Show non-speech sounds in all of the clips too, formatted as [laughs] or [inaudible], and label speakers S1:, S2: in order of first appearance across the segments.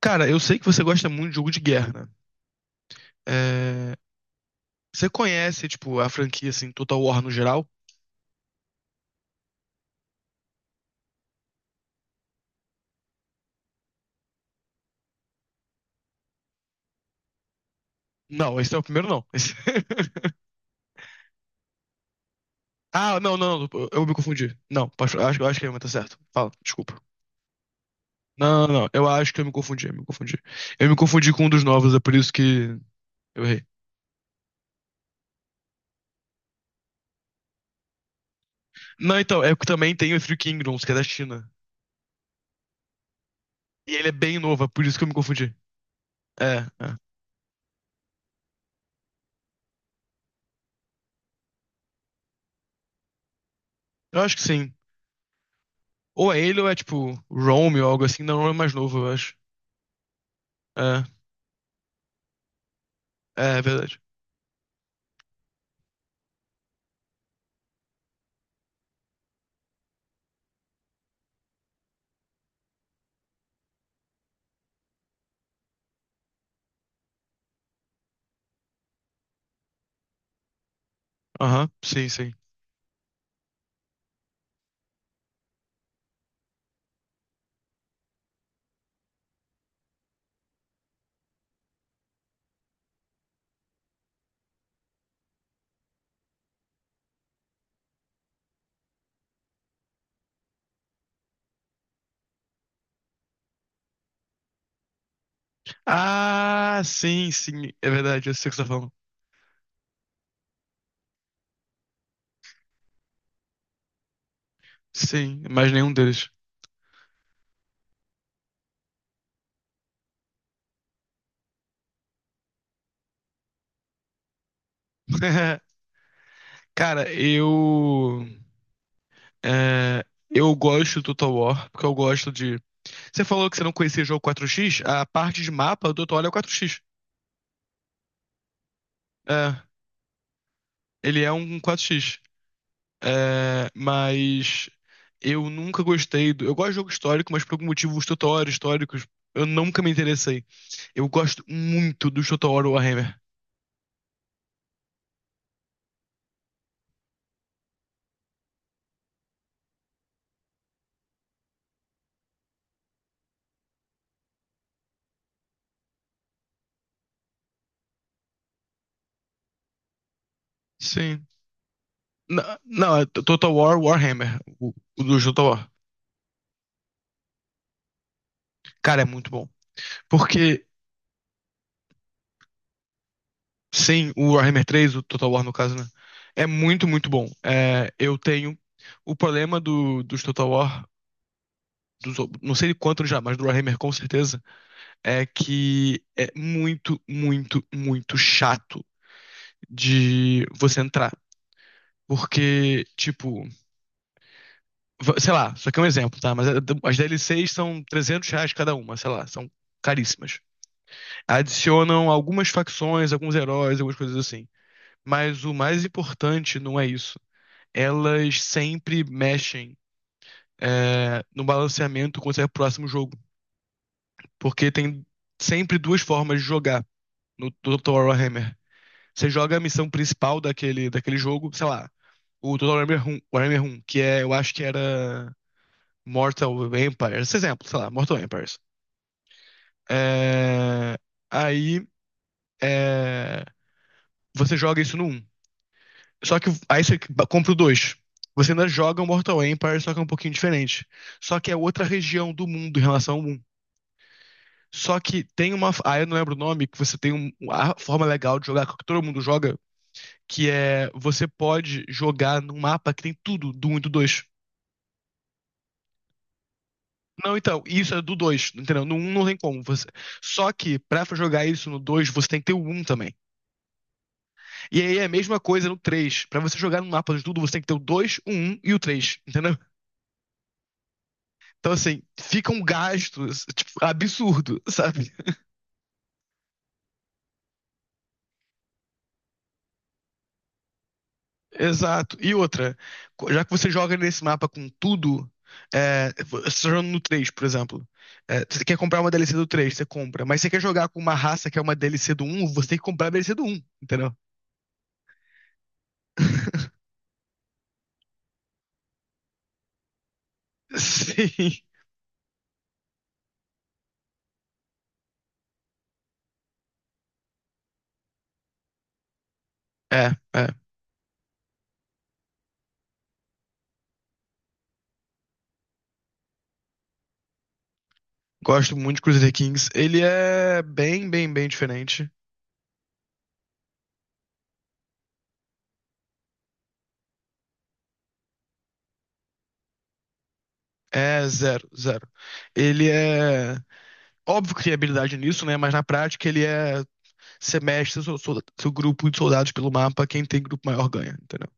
S1: Cara, eu sei que você gosta muito de jogo de guerra, né? É, Você conhece, tipo, a franquia, assim, Total War no geral? Não, esse é o primeiro, não. [laughs] Ah, não, não, não, eu me confundi. Não, acho que a minha tá certo. Fala, desculpa. Não, não, não, eu acho que eu me confundi, eu me confundi. Eu me confundi com um dos novos, é por isso que eu errei. Não, então, é que também tem o Three Kingdoms, que é da China. E ele é bem novo, é por isso que eu me confundi. É, é. Eu acho que sim. Ou é ele ou é, tipo, Rome ou algo assim. Não, Rome é mais novo, eu acho. É, é, é verdade. Aham, sim, sim. Ah, sim, sim, é verdade, eu sei o que você tá falando. Sim, mas nenhum deles. [laughs] Cara, eu. é, eu gosto do Total War, porque eu gosto de. Você falou que você não conhecia o jogo 4x? A parte de mapa do Total War é o 4x. É, ele é um 4x. É, mas. Eu nunca gostei do. Eu gosto de jogo histórico, mas por algum motivo os Total War históricos eu nunca me interessei. Eu gosto muito do Total War Warhammer. Sim. Não, não, é Total War Warhammer, o do Total War. Cara, é muito bom. Porque, sim, o Warhammer três, o Total War no caso, né? É muito, muito bom. É, eu tenho o problema do, dos Total War, dos, não sei de quanto já, mas do Warhammer com certeza, é que é muito, muito, muito chato de você entrar. Porque, tipo, sei lá, isso aqui é um exemplo, tá? Mas as DLCs são R$ 300 cada uma, sei lá, são caríssimas. Adicionam algumas facções, alguns heróis, algumas coisas assim. Mas o mais importante não é isso. Elas sempre mexem, no balanceamento quando sai o próximo jogo. Porque tem sempre duas formas de jogar no Total Warhammer. Você joga a missão principal daquele jogo, sei lá, o Total Warhammer 1, Warhammer 1, que é, eu acho que era Mortal Empires, esse exemplo, sei lá, Mortal Empires. É, Aí, é, você joga isso no um. Só que aí você compra o dois. Você ainda joga o Mortal Empire, só que é um pouquinho diferente. Só que é outra região do mundo em relação ao um. Só que tem uma. Ah, eu não lembro o nome, que você tem uma forma legal de jogar, que todo mundo joga, que é você pode jogar num mapa que tem tudo do 1 e do 2. Não, então, isso é do dois, entendeu? No um não tem como. Você. Só que pra jogar isso no 2 você tem que ter o um também. E aí é a mesma coisa no três. Pra você jogar no mapa de tudo, você tem que ter o dois, o 1 e o três, entendeu? Então, assim, fica um gasto, tipo, absurdo, [laughs] sabe? Exato. E outra, já que você joga nesse mapa com tudo, você tá jogando no 3, por exemplo. É, você quer comprar uma DLC do 3? Você compra. Mas você quer jogar com uma raça que é uma DLC do um? Você tem que comprar a DLC do um, entendeu? [laughs] Sim. É, é. Gosto muito de Crusader Kings. Ele é bem, bem, bem diferente. É zero, zero. Ele é. Óbvio que tem habilidade nisso, né? Mas na prática ele é. Você mexe seu grupo de soldados pelo mapa, quem tem grupo maior ganha, entendeu?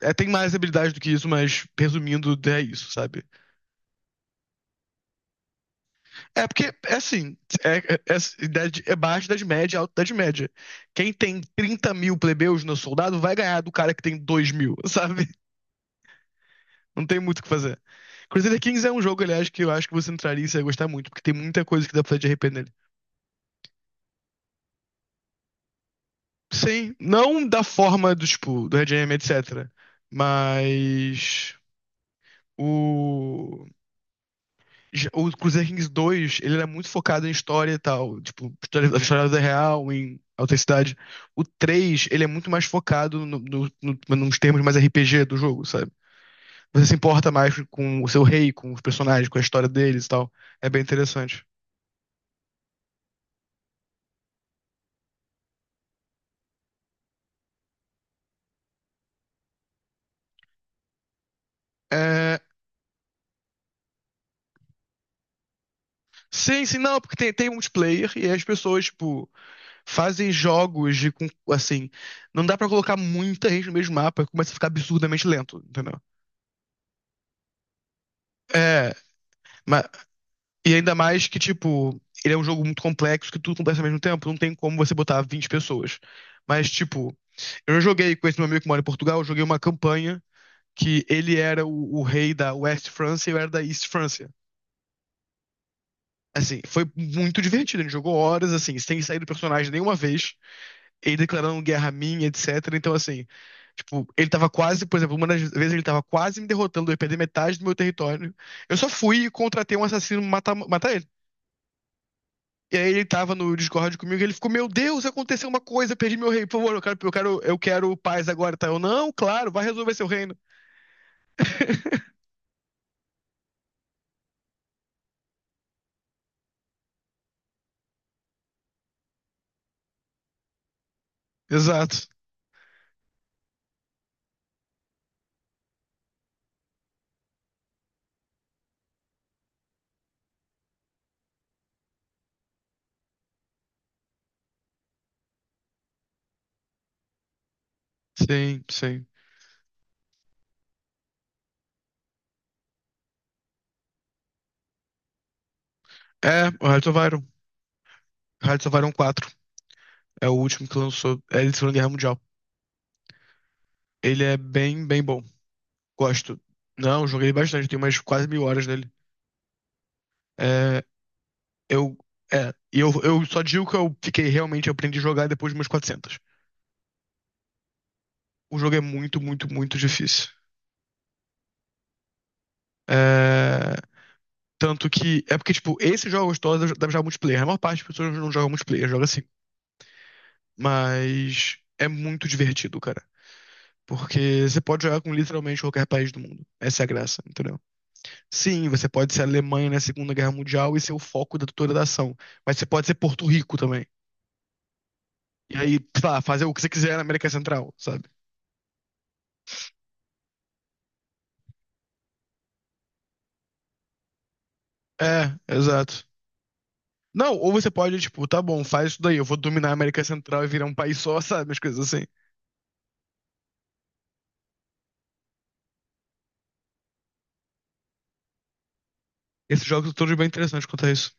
S1: É, tem mais habilidade do que isso, mas resumindo, é isso, sabe? É porque, é assim, é, é, é, é baixa idade média, alta idade média. Quem tem 30.000 plebeus no soldado vai ganhar do cara que tem 2.000, [laughs] sabe? Não tem muito o que fazer. Crusader Kings é um jogo, aliás, que eu acho que você entraria e você ia gostar muito, porque tem muita coisa que dá pra fazer de RP nele. Sim, não da forma do, tipo, do Red Em, etc. Mas o. O Crusader Kings dois ele era muito focado em história e tal, tipo, história, a história da vida real, em autenticidade. O 3 ele é muito mais focado nos termos mais RPG do jogo, sabe? Você se importa mais com o seu rei, com os personagens, com a história deles e tal. É bem interessante. É, Sim, sim, não, porque tem multiplayer e as pessoas, tipo, fazem jogos de, assim, não dá pra colocar muita gente no mesmo mapa, começa a ficar absurdamente lento, entendeu? É, mas. E ainda mais que, tipo, ele é um jogo muito complexo que tudo acontece ao mesmo tempo, não tem como você botar 20 pessoas. Mas, tipo, eu já joguei com esse meu amigo que mora em Portugal, eu joguei uma campanha que ele era o rei da West França e eu era da East França. Assim, foi muito divertido, a gente jogou horas, assim, sem sair do personagem nenhuma vez, ele declarando guerra a mim, etc. Então, assim, tipo, ele tava quase, por exemplo, uma das vezes ele tava quase me derrotando, eu ia perder metade do meu território. Eu só fui e contratei um assassino pra matar, matar ele. E aí ele tava no Discord comigo, e ele ficou, meu Deus, aconteceu uma coisa, perdi meu rei, por favor, eu quero, eu quero, eu quero paz agora, tá? Eu, não, claro, vai resolver seu reino. Exato. Sim, sim. É, o Hearts of Iron. Hearts of Iron 4. É o último que lançou. É de Segunda Guerra Mundial. Ele é bem, bem bom. Gosto. Não, joguei bastante, tenho umas quase 1.000 horas nele. É, eu. É, e eu só digo que eu fiquei realmente, eu aprendi a jogar depois de umas 400. O jogo é muito, muito, muito difícil. É. Tanto que. É porque, tipo, esses jogos todos devem jogar multiplayer. A maior parte das pessoas não joga multiplayer, joga assim. Mas é muito divertido, cara. Porque você pode jogar com literalmente qualquer país do mundo. Essa é a graça, entendeu? Sim, você pode ser a Alemanha na Segunda Guerra Mundial e ser o foco da toda da ação. Mas você pode ser Porto Rico também. E aí, sei lá, fazer o que você quiser na América Central, sabe? É, exato. Não, ou você pode, tipo, tá bom, faz isso daí, eu vou dominar a América Central e virar um país só, [laughs] sabe? As coisas assim. Esses jogos são todos bem interessantes quanto a isso.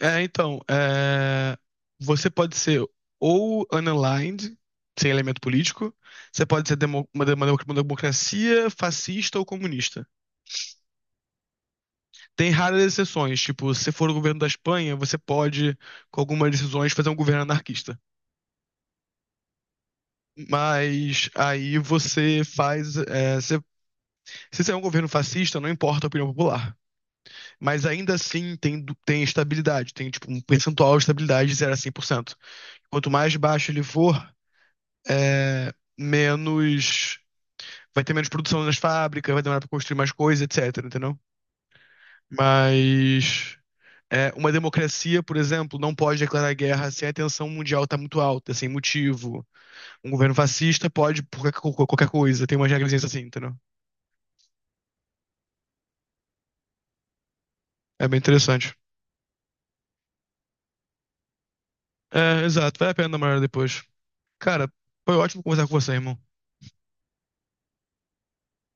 S1: É, então, você pode ser ou unaligned, sem elemento político, você pode ser uma democracia fascista ou comunista. Tem raras exceções, tipo, se for o governo da Espanha, você pode, com algumas decisões, fazer um governo anarquista. Mas aí você faz. Se você é um governo fascista, não importa a opinião popular. Mas ainda assim tem, tem estabilidade, tem tipo um percentual de estabilidade de zero a 100%. Quanto mais baixo ele for, é, menos. Vai ter menos produção nas fábricas, vai demorar pra construir mais coisa, etc, entendeu? Mas. Uma democracia, por exemplo, não pode declarar guerra se a tensão mundial tá muito alta, sem motivo. Um governo fascista pode por qualquer coisa, tem umas regras assim, entendeu? É bem interessante. É, exato, vale a pena dar uma olhada depois. Cara, foi ótimo conversar com você, irmão.